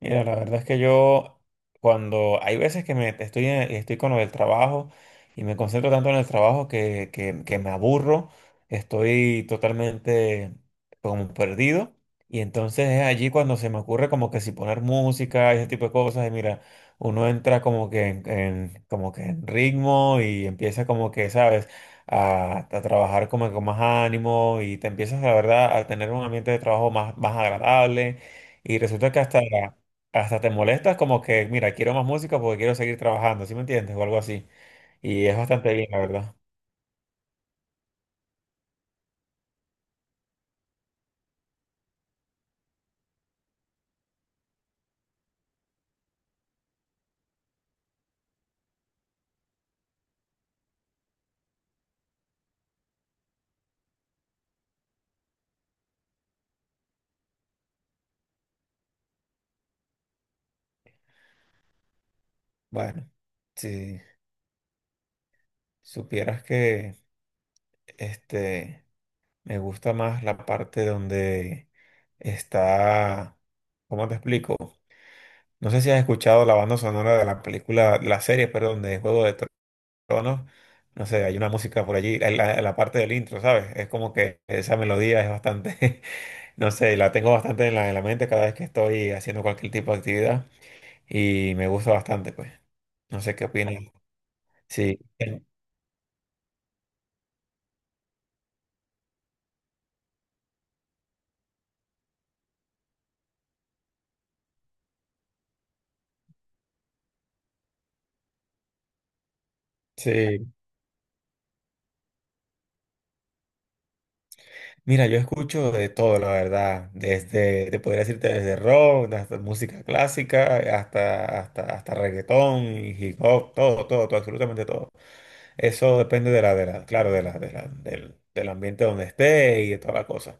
Mira, la verdad es que yo cuando hay veces que me estoy con lo del trabajo y me concentro tanto en el trabajo que me aburro, estoy totalmente como perdido y entonces es allí cuando se me ocurre como que si poner música y ese tipo de cosas y mira, uno entra como que como que en ritmo y empieza como que, ¿sabes? A trabajar como que con más ánimo y te empiezas, la verdad, a tener un ambiente de trabajo más agradable. Y resulta que hasta, claro, hasta te molestas como que, mira, quiero más música porque quiero seguir trabajando. ¿Sí me entiendes? O algo así. Y es bastante bien, la verdad. Bueno, si supieras que este me gusta más la parte donde está, ¿cómo te explico? No sé si has escuchado la banda sonora de la película, la serie, perdón, de Juego de Tronos. No sé, hay una música por allí, en la parte del intro, ¿sabes? Es como que esa melodía es bastante, no sé, la tengo bastante en la mente cada vez que estoy haciendo cualquier tipo de actividad y me gusta bastante, pues. No sé qué opinas. Sí, sí. Mira, yo escucho de todo, la verdad. Desde, te podría decirte desde rock, hasta música clásica, hasta reggaetón y hip hop, todo, todo, todo, absolutamente todo. Eso depende de la, claro, de la, del ambiente donde esté y de toda la cosa.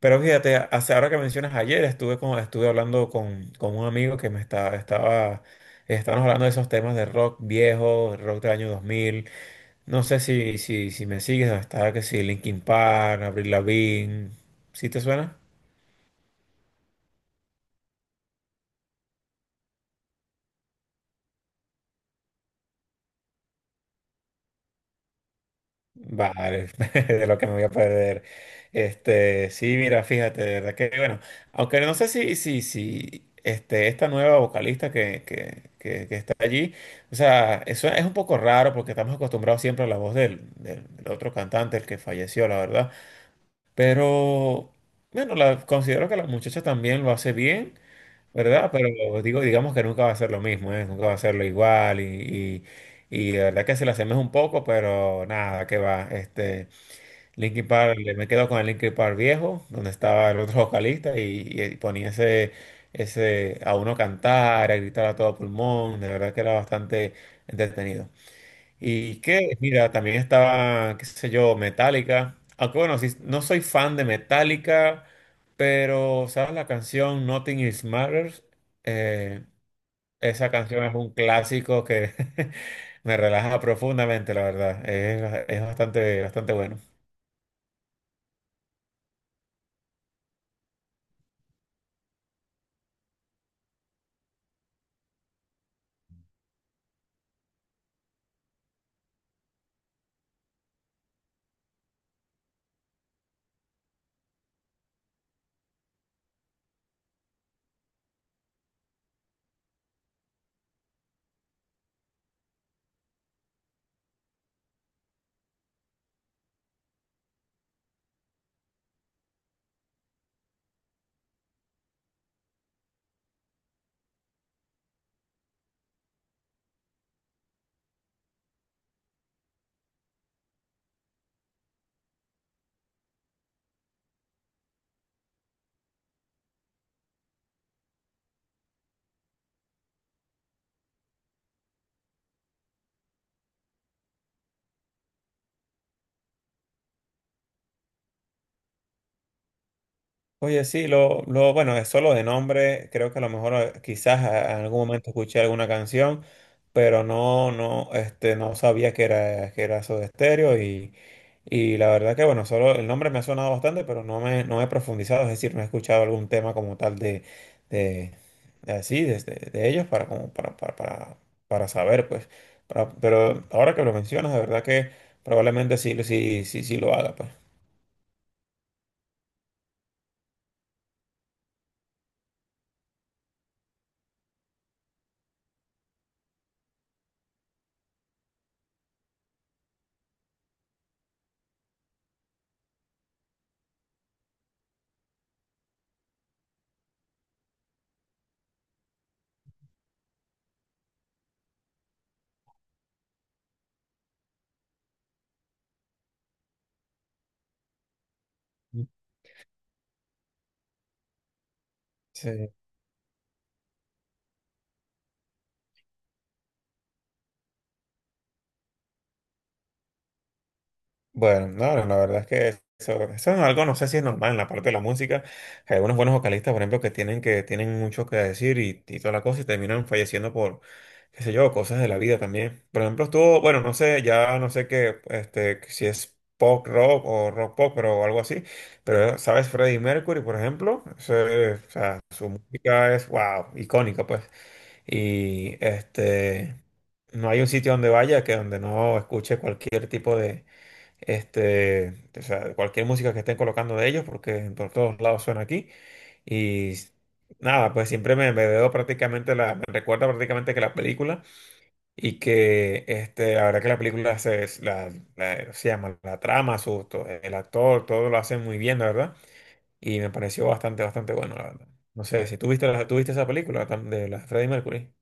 Pero fíjate, ahora que mencionas ayer, estuve, con, estuve hablando con un amigo que estábamos hablando de esos temas de rock viejo, rock del año 2000. No sé si me sigues, está que si Linkin Park, Avril Lavigne, ¿sí te suena? Vale, de lo que me voy a perder. Sí, mira, fíjate, de verdad que, bueno, aunque no sé si esta nueva vocalista que está allí, o sea, eso es un poco raro porque estamos acostumbrados siempre a la voz del otro cantante, el que falleció, la verdad. Pero, bueno, considero que la muchacha también lo hace bien, ¿verdad? Pero digo, digamos que nunca va a ser lo mismo, ¿eh? Nunca va a ser lo igual y- y de verdad que se la asemeja un poco, pero nada, que va. Linkin Park, me quedo con el Linkin Park viejo, donde estaba el otro vocalista y ponía ese, ese a uno cantar, a gritar a todo pulmón, de verdad que era bastante entretenido. Y que, mira, también estaba, qué sé yo, Metallica, aunque bueno, sí, no soy fan de Metallica, pero, ¿sabes la canción Nothing Is Matters? Eh, esa canción es un clásico que me relaja profundamente, la verdad, es bastante, bastante bueno. Oye, sí, bueno, es solo de nombre, creo que a lo mejor quizás en algún momento escuché alguna canción, pero no, no sabía que era Soda Stereo y la verdad que, bueno, solo el nombre me ha sonado bastante, pero no he profundizado, es decir, no he escuchado algún tema como tal de, de así, de ellos para, como, para saber, pues. Pero ahora que lo mencionas, de verdad que probablemente sí lo haga, pues. Sí. Bueno, no, no, la verdad es que eso es algo, no sé si es normal en la parte de la música. Hay algunos buenos vocalistas, por ejemplo, que tienen mucho que decir y toda la cosa y terminan falleciendo por, qué sé yo, cosas de la vida también. Por ejemplo, estuvo, bueno, no sé, ya no sé qué, si es pop rock o rock pop, pero algo así. Pero, ¿sabes? Freddie Mercury, por ejemplo. Ese, o sea, su música es, wow, icónica, pues. Y no hay un sitio donde vaya que donde no escuche cualquier tipo de o sea, cualquier música que estén colocando de ellos, porque en por todos lados suena aquí. Y nada, pues siempre me veo prácticamente me recuerda prácticamente que la película y que la verdad que la película se llama la trama, el actor, todo lo hacen muy bien, la verdad. Y me pareció bastante, bastante bueno, la verdad. No sé, si tú viste, tú viste esa película de la Freddie Mercury.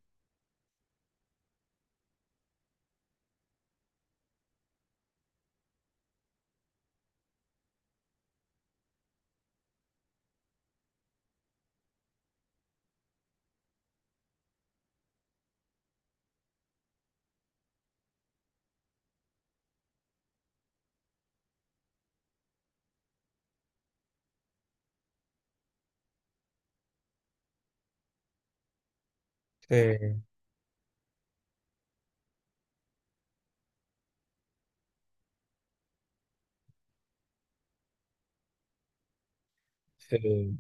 Sí, sí.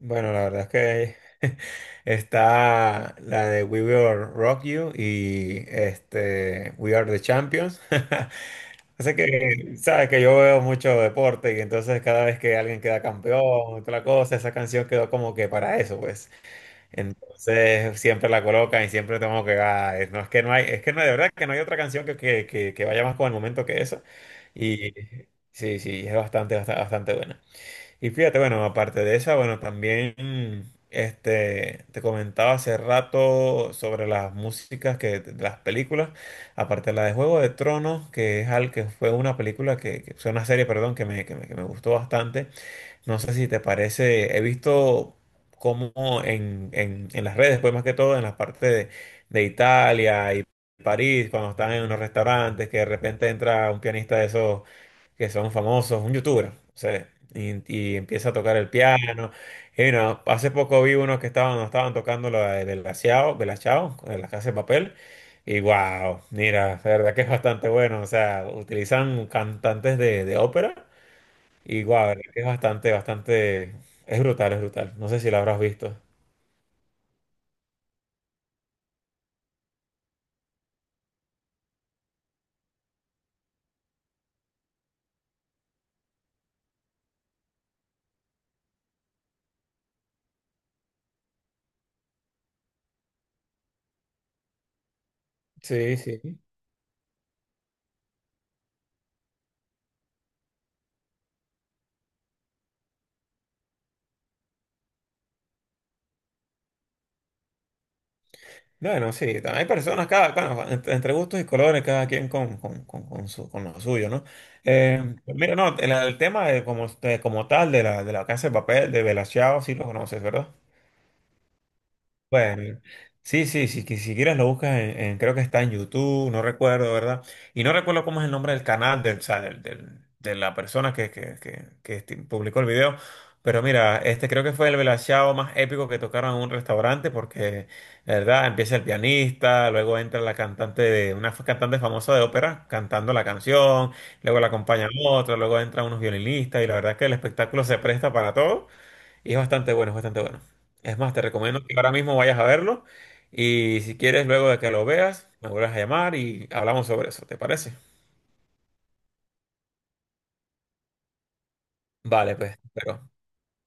Bueno, la verdad es que está la de We Will Rock You y este We Are the Champions. Así que, sabes que yo veo mucho deporte y entonces cada vez que alguien queda campeón, otra cosa, esa canción quedó como que para eso, pues. Entonces siempre la colocan y siempre tengo que, ah, no es que no hay, es que no, de verdad que no hay otra canción que vaya más con el momento que esa. Y sí, sí, es bastante, bastante, bastante buena. Y fíjate, bueno, aparte de esa, bueno, también te comentaba hace rato sobre las músicas que, de las películas, aparte de la de Juego de Tronos, que es al que fue una película fue una serie, perdón, que me gustó bastante. No sé si te parece, he visto cómo en, en las redes, pues más que todo en las partes de Italia y París, cuando están en unos restaurantes, que de repente entra un pianista de esos que son famosos, un youtuber, o sea, y empieza a tocar el piano. Y bueno, hace poco vi unos que estaban, no estaban tocando la de Belachao, Belachao, de la Casa de Papel. Y wow, mira, la verdad que es bastante bueno. O sea, utilizan cantantes de ópera y guau, es bastante, bastante, es brutal, es brutal. No sé si la habrás visto. Sí, sí. Bueno, sí, también hay personas, cada, bueno, entre gustos y colores, cada quien con su, con lo suyo, ¿no? Mira, no, el tema de como tal de de la Casa de Papel, de Bella Ciao, sí lo conoces, ¿verdad? Bueno, sí, que si quieres lo buscas en, creo que está en YouTube, no recuerdo, ¿verdad? Y no recuerdo cómo es el nombre del canal, del, o sea, de la persona que publicó el video. Pero mira, este creo que fue el velachao más épico que tocaron en un restaurante porque, la ¿verdad? Empieza el pianista, luego entra la cantante de, una cantante famosa de ópera cantando la canción, luego la acompaña otra, luego entran unos violinistas y la verdad es que el espectáculo se presta para todo. Y es bastante bueno, es bastante bueno. Es más, te recomiendo que ahora mismo vayas a verlo y si quieres, luego de que lo veas, me vuelvas a llamar y hablamos sobre eso, ¿te parece? Vale, pues, pero...